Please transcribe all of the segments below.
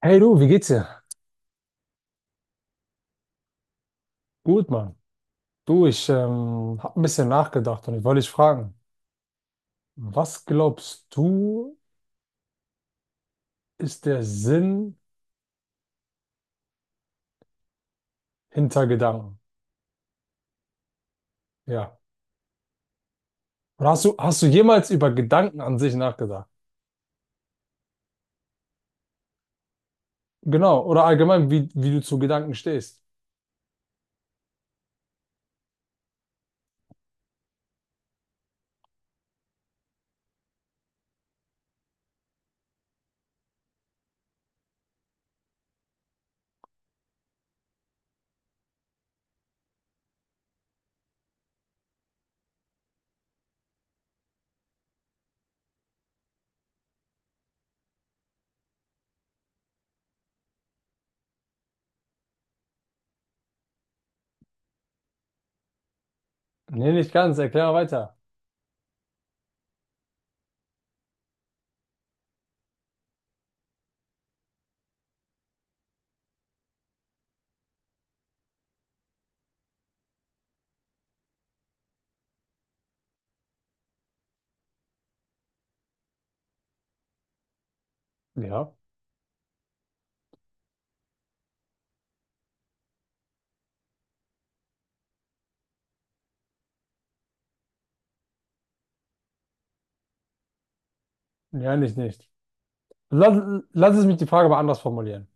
Hey du, wie geht's dir? Gut, Mann. Du, ich habe ein bisschen nachgedacht und ich wollte dich fragen, was glaubst du, ist der Sinn hinter Gedanken? Ja. Oder hast du jemals über Gedanken an sich nachgedacht? Genau. Oder allgemein, wie du zu Gedanken stehst? Nee, nicht ganz. Erklär mal weiter. Ja. Ja, nicht. Lass es mich die Frage mal anders formulieren.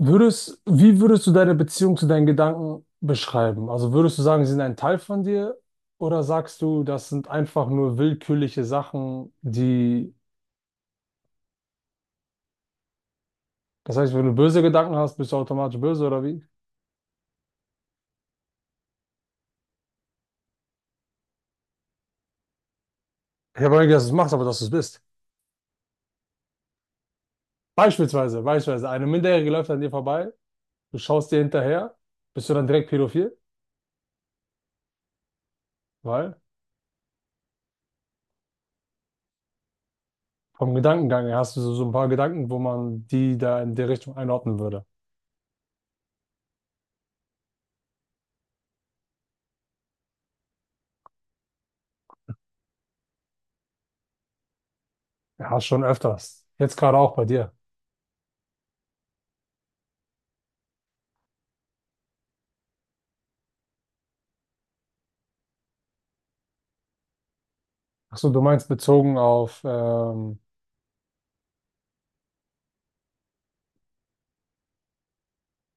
Würdest, wie würdest du deine Beziehung zu deinen Gedanken beschreiben? Also würdest du sagen, sie sind ein Teil von dir oder sagst du, das sind einfach nur willkürliche Sachen, die, das heißt, wenn du böse Gedanken hast, bist du automatisch böse oder wie? Ich habe nicht, dass du es machst, aber dass du es bist. Beispielsweise, eine Minderjährige läuft an dir vorbei, du schaust dir hinterher, bist du dann direkt pädophil? Weil vom Gedankengang her hast du so, so ein paar Gedanken, wo man die da in die Richtung einordnen würde. Ja, schon öfters. Jetzt gerade auch bei dir. Ach so, du meinst bezogen auf,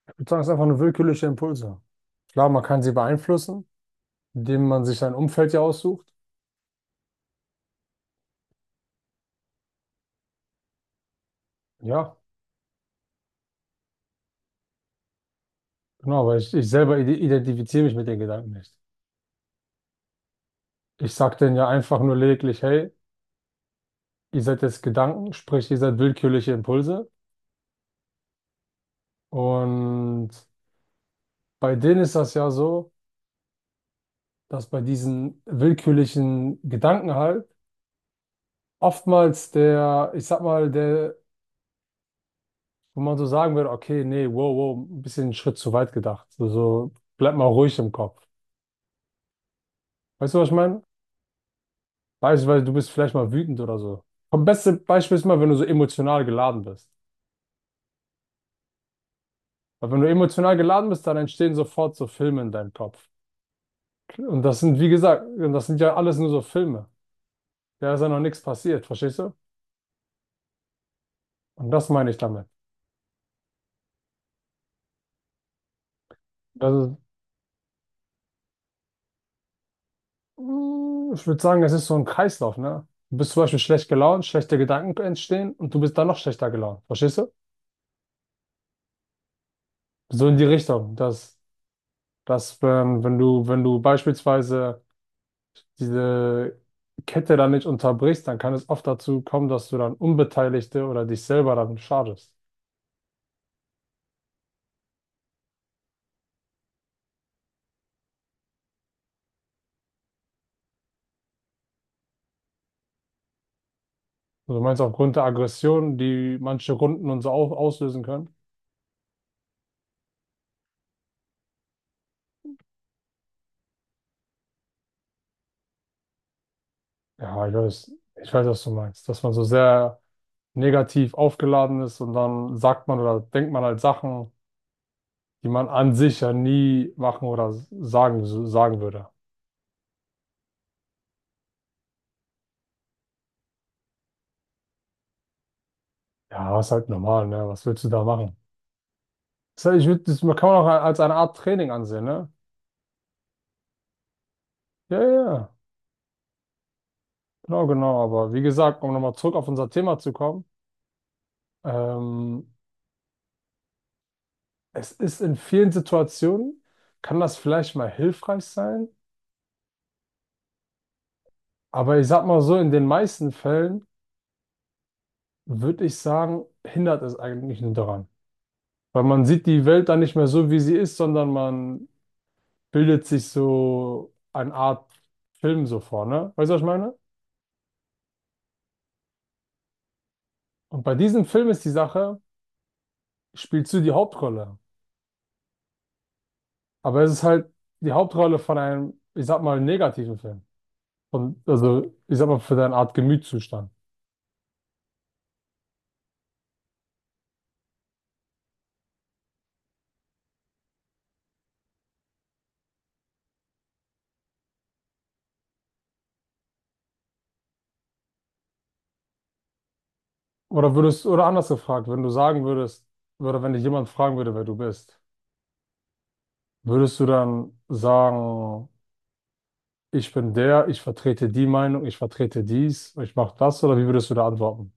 ich würde sagen, es sind einfach nur willkürliche Impulse. Klar, man kann sie beeinflussen, indem man sich sein Umfeld ja aussucht. Ja, genau, aber ich selber ide- identifiziere mich mit den Gedanken nicht. Ich sage denen ja einfach nur lediglich, hey, ihr seid jetzt Gedanken, sprich, ihr seid willkürliche Impulse. Und bei denen ist das ja so, dass bei diesen willkürlichen Gedanken halt oftmals der, ich sag mal, der wo man so sagen würde, okay, nee, wow, ein bisschen einen Schritt zu weit gedacht. So, so bleib mal ruhig im Kopf. Weißt du, was ich meine? Beispielsweise, du bist vielleicht mal wütend oder so. Das beste Beispiel ist mal, wenn du so emotional geladen bist. Weil wenn du emotional geladen bist, dann entstehen sofort so Filme in deinem Kopf. Und das sind, wie gesagt, und das sind ja alles nur so Filme. Da ist ja noch nichts passiert, verstehst du? Und das meine ich damit. Das ist, Mm, ich würde sagen, es ist so ein Kreislauf, ne? Du bist zum Beispiel schlecht gelaunt, schlechte Gedanken entstehen und du bist dann noch schlechter gelaunt, verstehst du? So in die Richtung, dass, dass wenn, wenn du beispielsweise diese Kette dann nicht unterbrichst, dann kann es oft dazu kommen, dass du dann Unbeteiligte oder dich selber dann schadest. Also du meinst aufgrund der Aggression, die manche Runden und so au- auslösen können? Ja, ich weiß, was du meinst, dass man so sehr negativ aufgeladen ist und dann sagt man oder denkt man halt Sachen, die man an sich ja nie machen oder sagen, so, sagen würde. Ja, ist halt normal, ne? Was willst du da machen? Das heißt, ich würd, das, man kann man auch als eine Art Training ansehen, ne? Ja, ja, ja, genau, genau. Aber wie gesagt, um nochmal zurück auf unser Thema zu kommen, ähm, es ist in vielen Situationen, kann das vielleicht mal hilfreich sein, aber ich sag mal so, in den meisten Fällen würde ich sagen, hindert es eigentlich nur daran. Weil man sieht die Welt dann nicht mehr so, wie sie ist, sondern man bildet sich so eine Art Film so vor, ne? Weißt du, was ich meine? Und bei diesem Film ist die Sache, spielst du die Hauptrolle? Aber es ist halt die Hauptrolle von einem, ich sag mal, negativen Film. Und also, ich sag mal, für deine Art Gemütszustand. Oder würdest, oder anders gefragt, wenn du sagen würdest, oder wenn dich jemand fragen würde, wer du bist, würdest du dann sagen, ich bin der, ich vertrete die Meinung, ich vertrete dies, ich mache das, oder wie würdest du da antworten?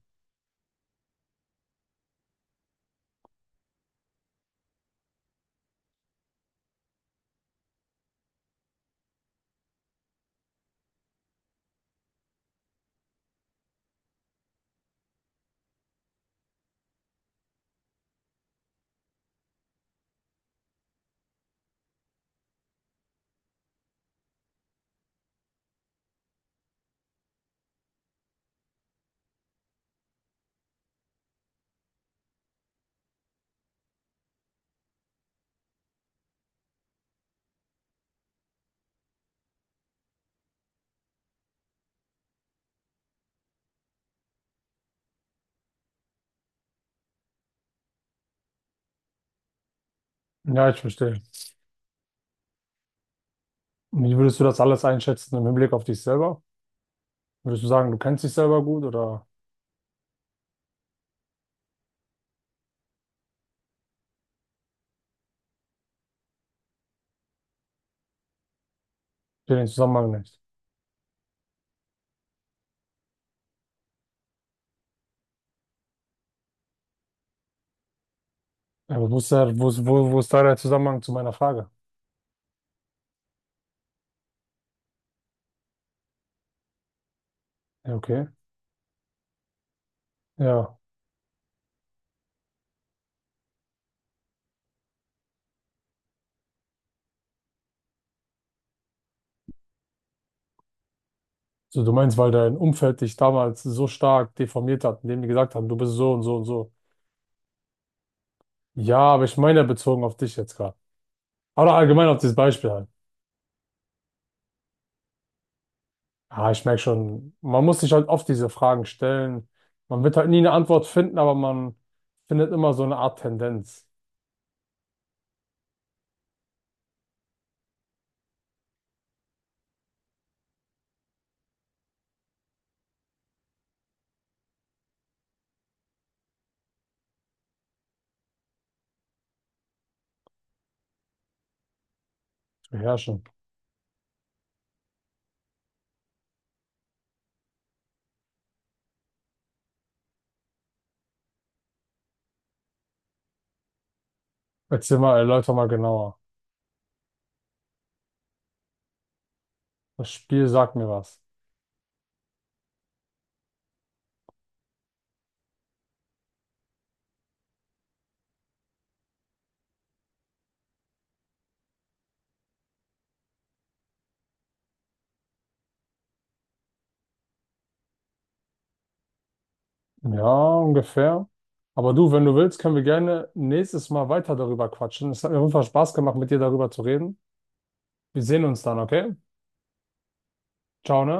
Ja, ich verstehe. Und wie würdest du das alles einschätzen im Hinblick auf dich selber? Würdest du sagen, du kennst dich selber gut oder den Zusammenhang nicht? Ja, aber wo ist der, wo ist, wo, wo ist da der Zusammenhang zu meiner Frage? Ja, okay. Ja, so du meinst, weil dein Umfeld dich damals so stark deformiert hat, indem die gesagt haben, du bist so und so und so. Ja, aber ich meine ja bezogen auf dich jetzt gerade. Oder allgemein auf dieses Beispiel halt. Ah, ich merke schon, man muss sich halt oft diese Fragen stellen. Man wird halt nie eine Antwort finden, aber man findet immer so eine Art Tendenz zu beherrschen. Erzähl mal, erläuter mal genauer. Das Spiel sagt mir was. Ja, ungefähr. Aber du, wenn du willst, können wir gerne nächstes Mal weiter darüber quatschen. Es hat mir auf jeden Fall Spaß gemacht, mit dir darüber zu reden. Wir sehen uns dann, okay? Ciao, ne?